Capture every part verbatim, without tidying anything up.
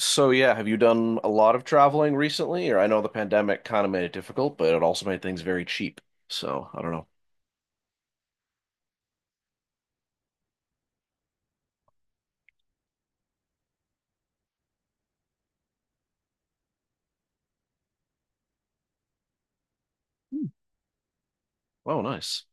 So yeah, have you done a lot of traveling recently? Or I know the pandemic kind of made it difficult, but it also made things very cheap. So I don't know. Oh, nice.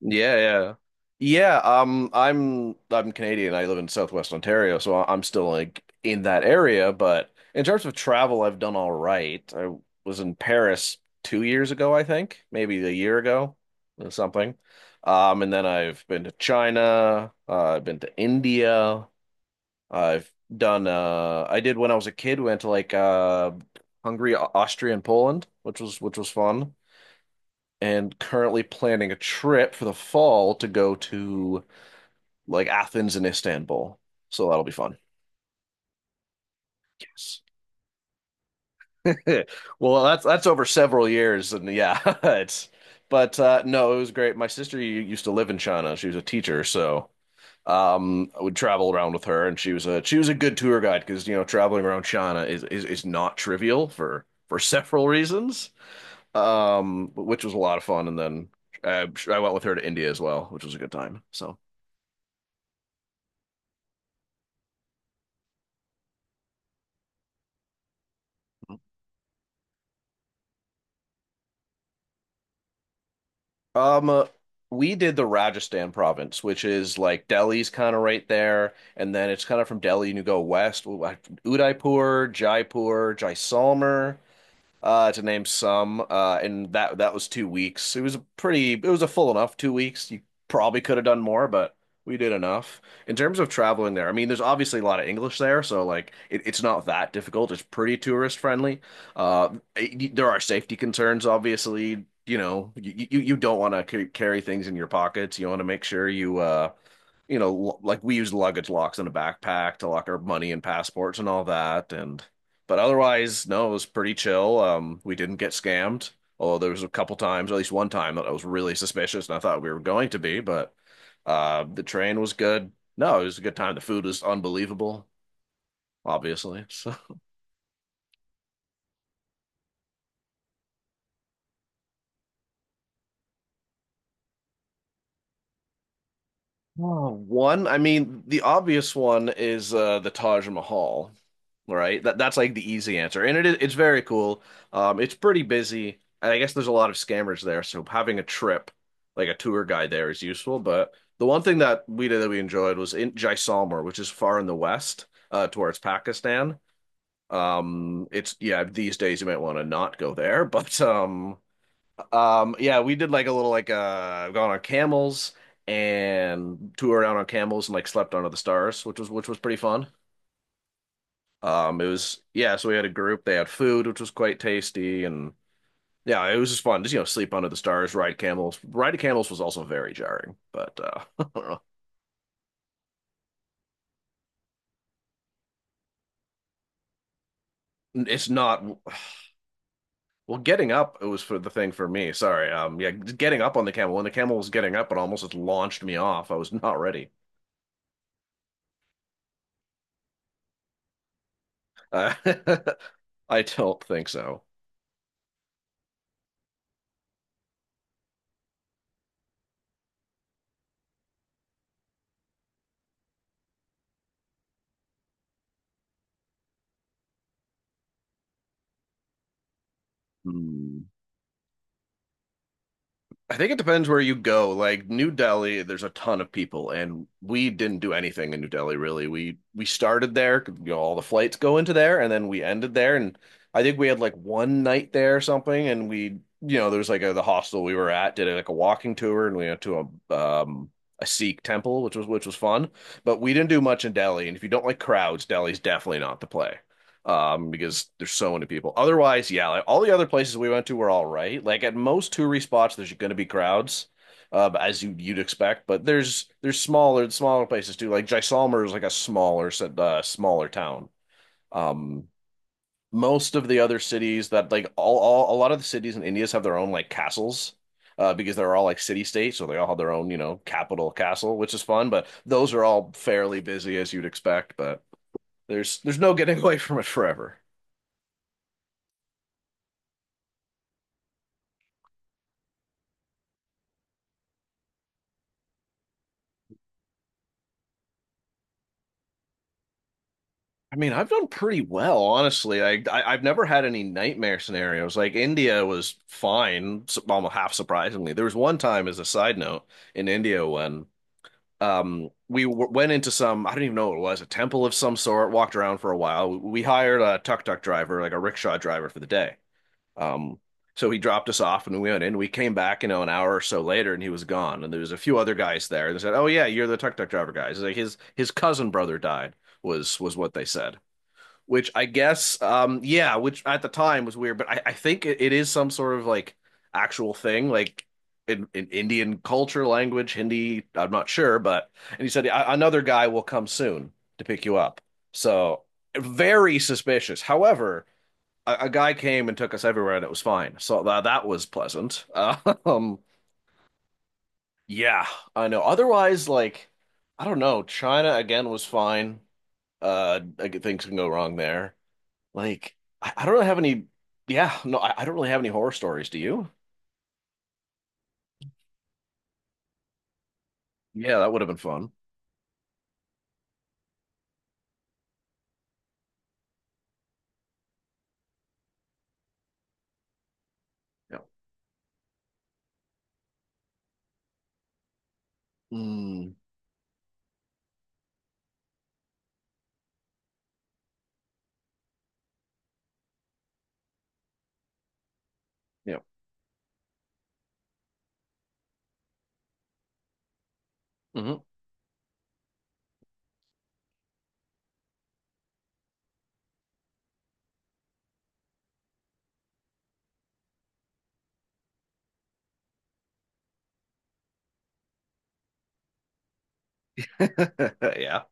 Yeah, yeah. Yeah, um, I'm I'm Canadian. I live in Southwest Ontario, so I- I'm still like in that area, but in terms of travel, I've done all right. I was in Paris two years ago, I think, maybe a year ago or something. Um, and then I've been to China, uh, I've been to India, I've done uh I did when I was a kid, went to like uh Hungary, Au- Austria, and Poland, which was which was fun. And currently planning a trip for the fall to go to like Athens and Istanbul. So that'll be fun. Yes. Well, that's that's over several years and yeah, it's but uh no, it was great. My sister u- used to live in China. She was a teacher, so um I would travel around with her, and she was a she was a good tour guide because you know traveling around China is, is is not trivial for for several reasons, um which was a lot of fun. And then I, I went with her to India as well, which was a good time, so um uh, we did the Rajasthan province, which is like Delhi's kind of right there, and then it's kind of from Delhi, and you go west: Udaipur, Jaipur, Jaisalmer, uh, to name some, uh, and that that was two weeks. It was a pretty, it was a full enough two weeks. You probably could have done more, but we did enough. In terms of traveling there, I mean, there's obviously a lot of English there, so like it, it's not that difficult. It's pretty tourist friendly. Uh, it- there are safety concerns, obviously. You know, you you, you don't want to c carry things in your pockets. You want to make sure you uh you know, like we use luggage locks in a backpack to lock our money and passports and all that. And but otherwise, no, it was pretty chill. Um, we didn't get scammed, although there was a couple times, at least one time, that I was really suspicious, and I thought we were going to be. But uh, the train was good. No, it was a good time. The food was unbelievable, obviously. So. Oh, one, I mean, the obvious one is uh, the Taj Mahal. Right? That that's like the easy answer, and it is it's very cool. Um, it's pretty busy, and I guess there's a lot of scammers there, so having a trip, like a tour guide there, is useful. But the one thing that we did that we enjoyed was in Jaisalmer, which is far in the west, uh, towards Pakistan. Um, it's Yeah, these days you might want to not go there, but um, um, yeah, we did like a little like uh, gone on camels. And toured around on camels and like slept under the stars, which was which was pretty fun. Um, it was Yeah, so we had a group. They had food, which was quite tasty, and yeah, it was just fun. Just you know, sleep under the stars, ride camels. Riding camels was also very jarring, but uh, I don't know. It's not. Well, getting up, it was for the thing for me. Sorry. Um, yeah, getting up on the camel when the camel was getting up, it almost just launched me off. I was not ready. Uh, I don't think so. Hmm. I think it depends where you go. Like New Delhi, there's a ton of people, and we didn't do anything in New Delhi really. We we started there, you know, all the flights go into there, and then we ended there. And I think we had like one night there or something, and we, you know, there was like a, the hostel we were at did like a walking tour, and we went to a um a Sikh temple, which was which was fun. But we didn't do much in Delhi, and if you don't like crowds, Delhi's definitely not the play, um, because there's so many people. Otherwise, yeah, like, all the other places we went to were all right. Like at most touristy spots, there's going to be crowds, uh, as you you'd expect. But there's there's smaller smaller places too. Like Jaisalmer is like a smaller uh, smaller town. Um, Most of the other cities that like all, all a lot of the cities in India have their own like castles. Uh, because they're all like city states, so they all have their own, you know, capital castle, which is fun. But those are all fairly busy as you'd expect. But there's there's no getting away from it forever. I mean, I've done pretty well, honestly. I, I I've never had any nightmare scenarios. Like India was fine, s- almost half surprisingly. There was one time, as a side note, in India when um we w went into some, I don't even know what it was, a temple of some sort. Walked around for a while. We hired a tuk-tuk driver, like a rickshaw driver, for the day. Um, so he dropped us off, and we went in. We came back, you know, an hour or so later, and he was gone. And there was a few other guys there, and they said, "Oh yeah, you're the tuk-tuk driver guys." Like his his cousin brother died, was was what they said, which I guess, um, yeah, which at the time was weird, but I, I think it, it is some sort of like actual thing, like in, in Indian culture, language, Hindi. I'm not sure, but and he said, "A- Another guy will come soon to pick you up." So, very suspicious. However, a, a guy came and took us everywhere, and it was fine. So that that was pleasant. Um, yeah, I know. Otherwise, like, I don't know. China again was fine. Uh, I g- things can go wrong there. Like, I, I don't really have any. Yeah, no, I, I don't really have any horror stories. Do you? Yeah, that would have been fun. Yeah. Mm, yeah. Hmm. Yeah.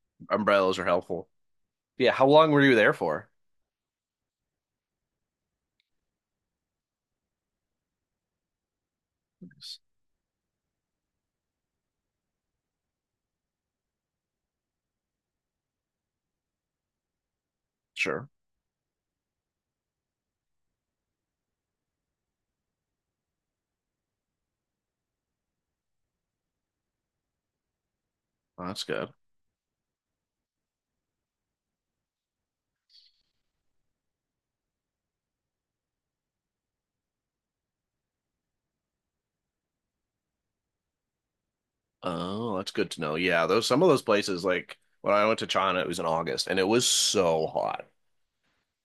Umbrellas are helpful. Yeah. How long were you there for? Sure. Oh, that's good. Oh, that's good to know. Yeah, those some of those places, like when I went to China, it was in August and it was so hot.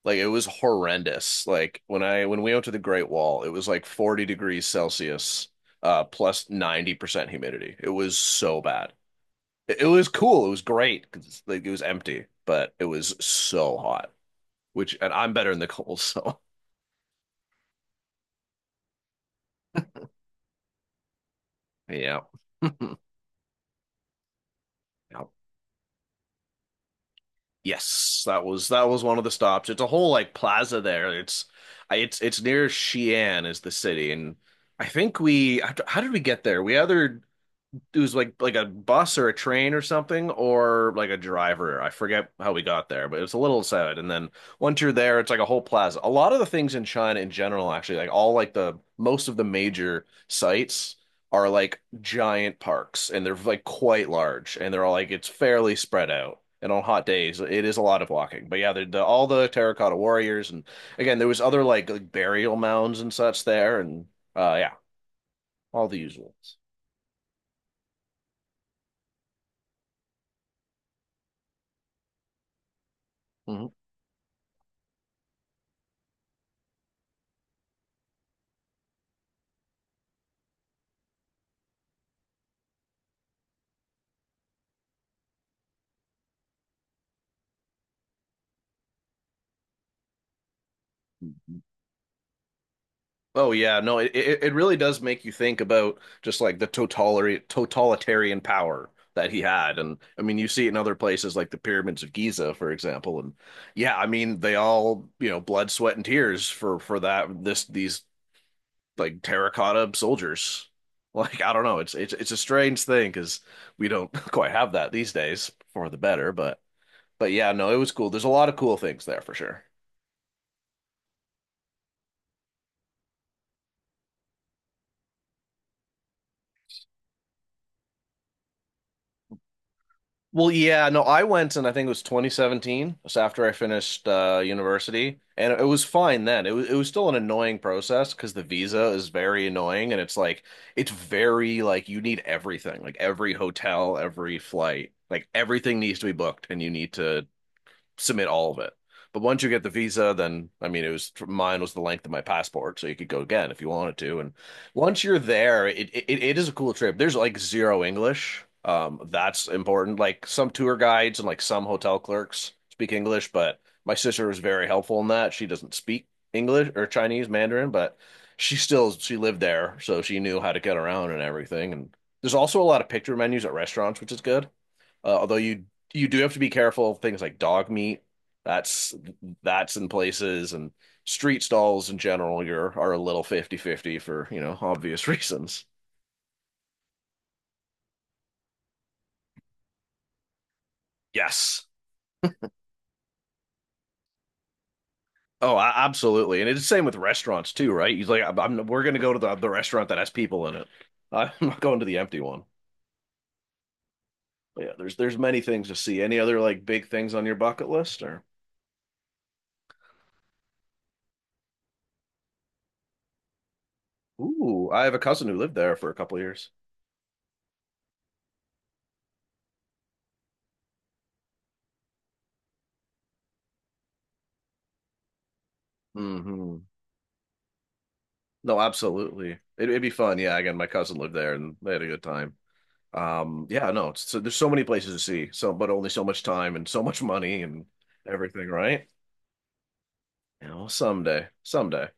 Like it was horrendous. Like when I when we went to the Great Wall, it was like forty degrees Celsius, uh, ninety percent humidity. It was so bad. It, it was cool. It was great because like it was empty, but it was so hot. Which and I'm better in the cold, so yeah. Yeah. Yes, that was that was one of the stops. It's a whole like plaza there. It's it's it's near Xi'an is the city, and I think we how did we get there? We either It was like like a bus or a train or something or like a driver. I forget how we got there, but it was a little sad. And then once you're there, it's like a whole plaza. A lot of the things in China in general, actually, like all like the most of the major sites are like giant parks, and they're like quite large, and they're all like it's fairly spread out. And on hot days, it is a lot of walking. But yeah, the, the all the terracotta warriors, and again, there was other like, like burial mounds and such there, and uh yeah, all the usuals. Mhm. Oh yeah, no, it it it really does make you think about just like the totalitarian totalitarian power that he had. And I mean, you see it in other places like the pyramids of Giza, for example. And yeah, I mean, they all, you know, blood, sweat, and tears for for that this these like terracotta soldiers. Like, I don't know, it's it's it's a strange thing, because we don't quite have that these days, for the better, but but yeah, no, it was cool. There's a lot of cool things there for sure. Well, yeah, no, I went, and I think it was twenty seventeen, just after I finished uh, university, and it was fine then. It was it was still an annoying process because the visa is very annoying, and it's like it's very like you need everything, like every hotel, every flight, like everything needs to be booked, and you need to submit all of it. But once you get the visa, then I mean, it was mine was the length of my passport, so you could go again if you wanted to. And once you're there, it it, it is a cool trip. There's like zero English. Um, that's important. Like some tour guides and like some hotel clerks speak English, but my sister was very helpful in that. She doesn't speak English or Chinese Mandarin, but she still she lived there, so she knew how to get around and everything. And there's also a lot of picture menus at restaurants, which is good. Uh, although you you do have to be careful of things like dog meat. That's that's in places, and street stalls in general you're are a little fifty fifty for, you know, obvious reasons. Yes. Oh, a- absolutely. And it's the same with restaurants too, right? He's like, I'm, I'm- we're going to go to the, the restaurant that has people in it. I'm not going to the empty one. But yeah, there's there's many things to see. Any other like big things on your bucket list or? Ooh, I have a cousin who lived there for a couple of years. Hmm. No, absolutely. It, it'd be fun. Yeah, again, my cousin lived there and they had a good time. Um, yeah, no, it's, so there's so many places to see, so but only so much time and so much money and everything, right? You know, someday, someday.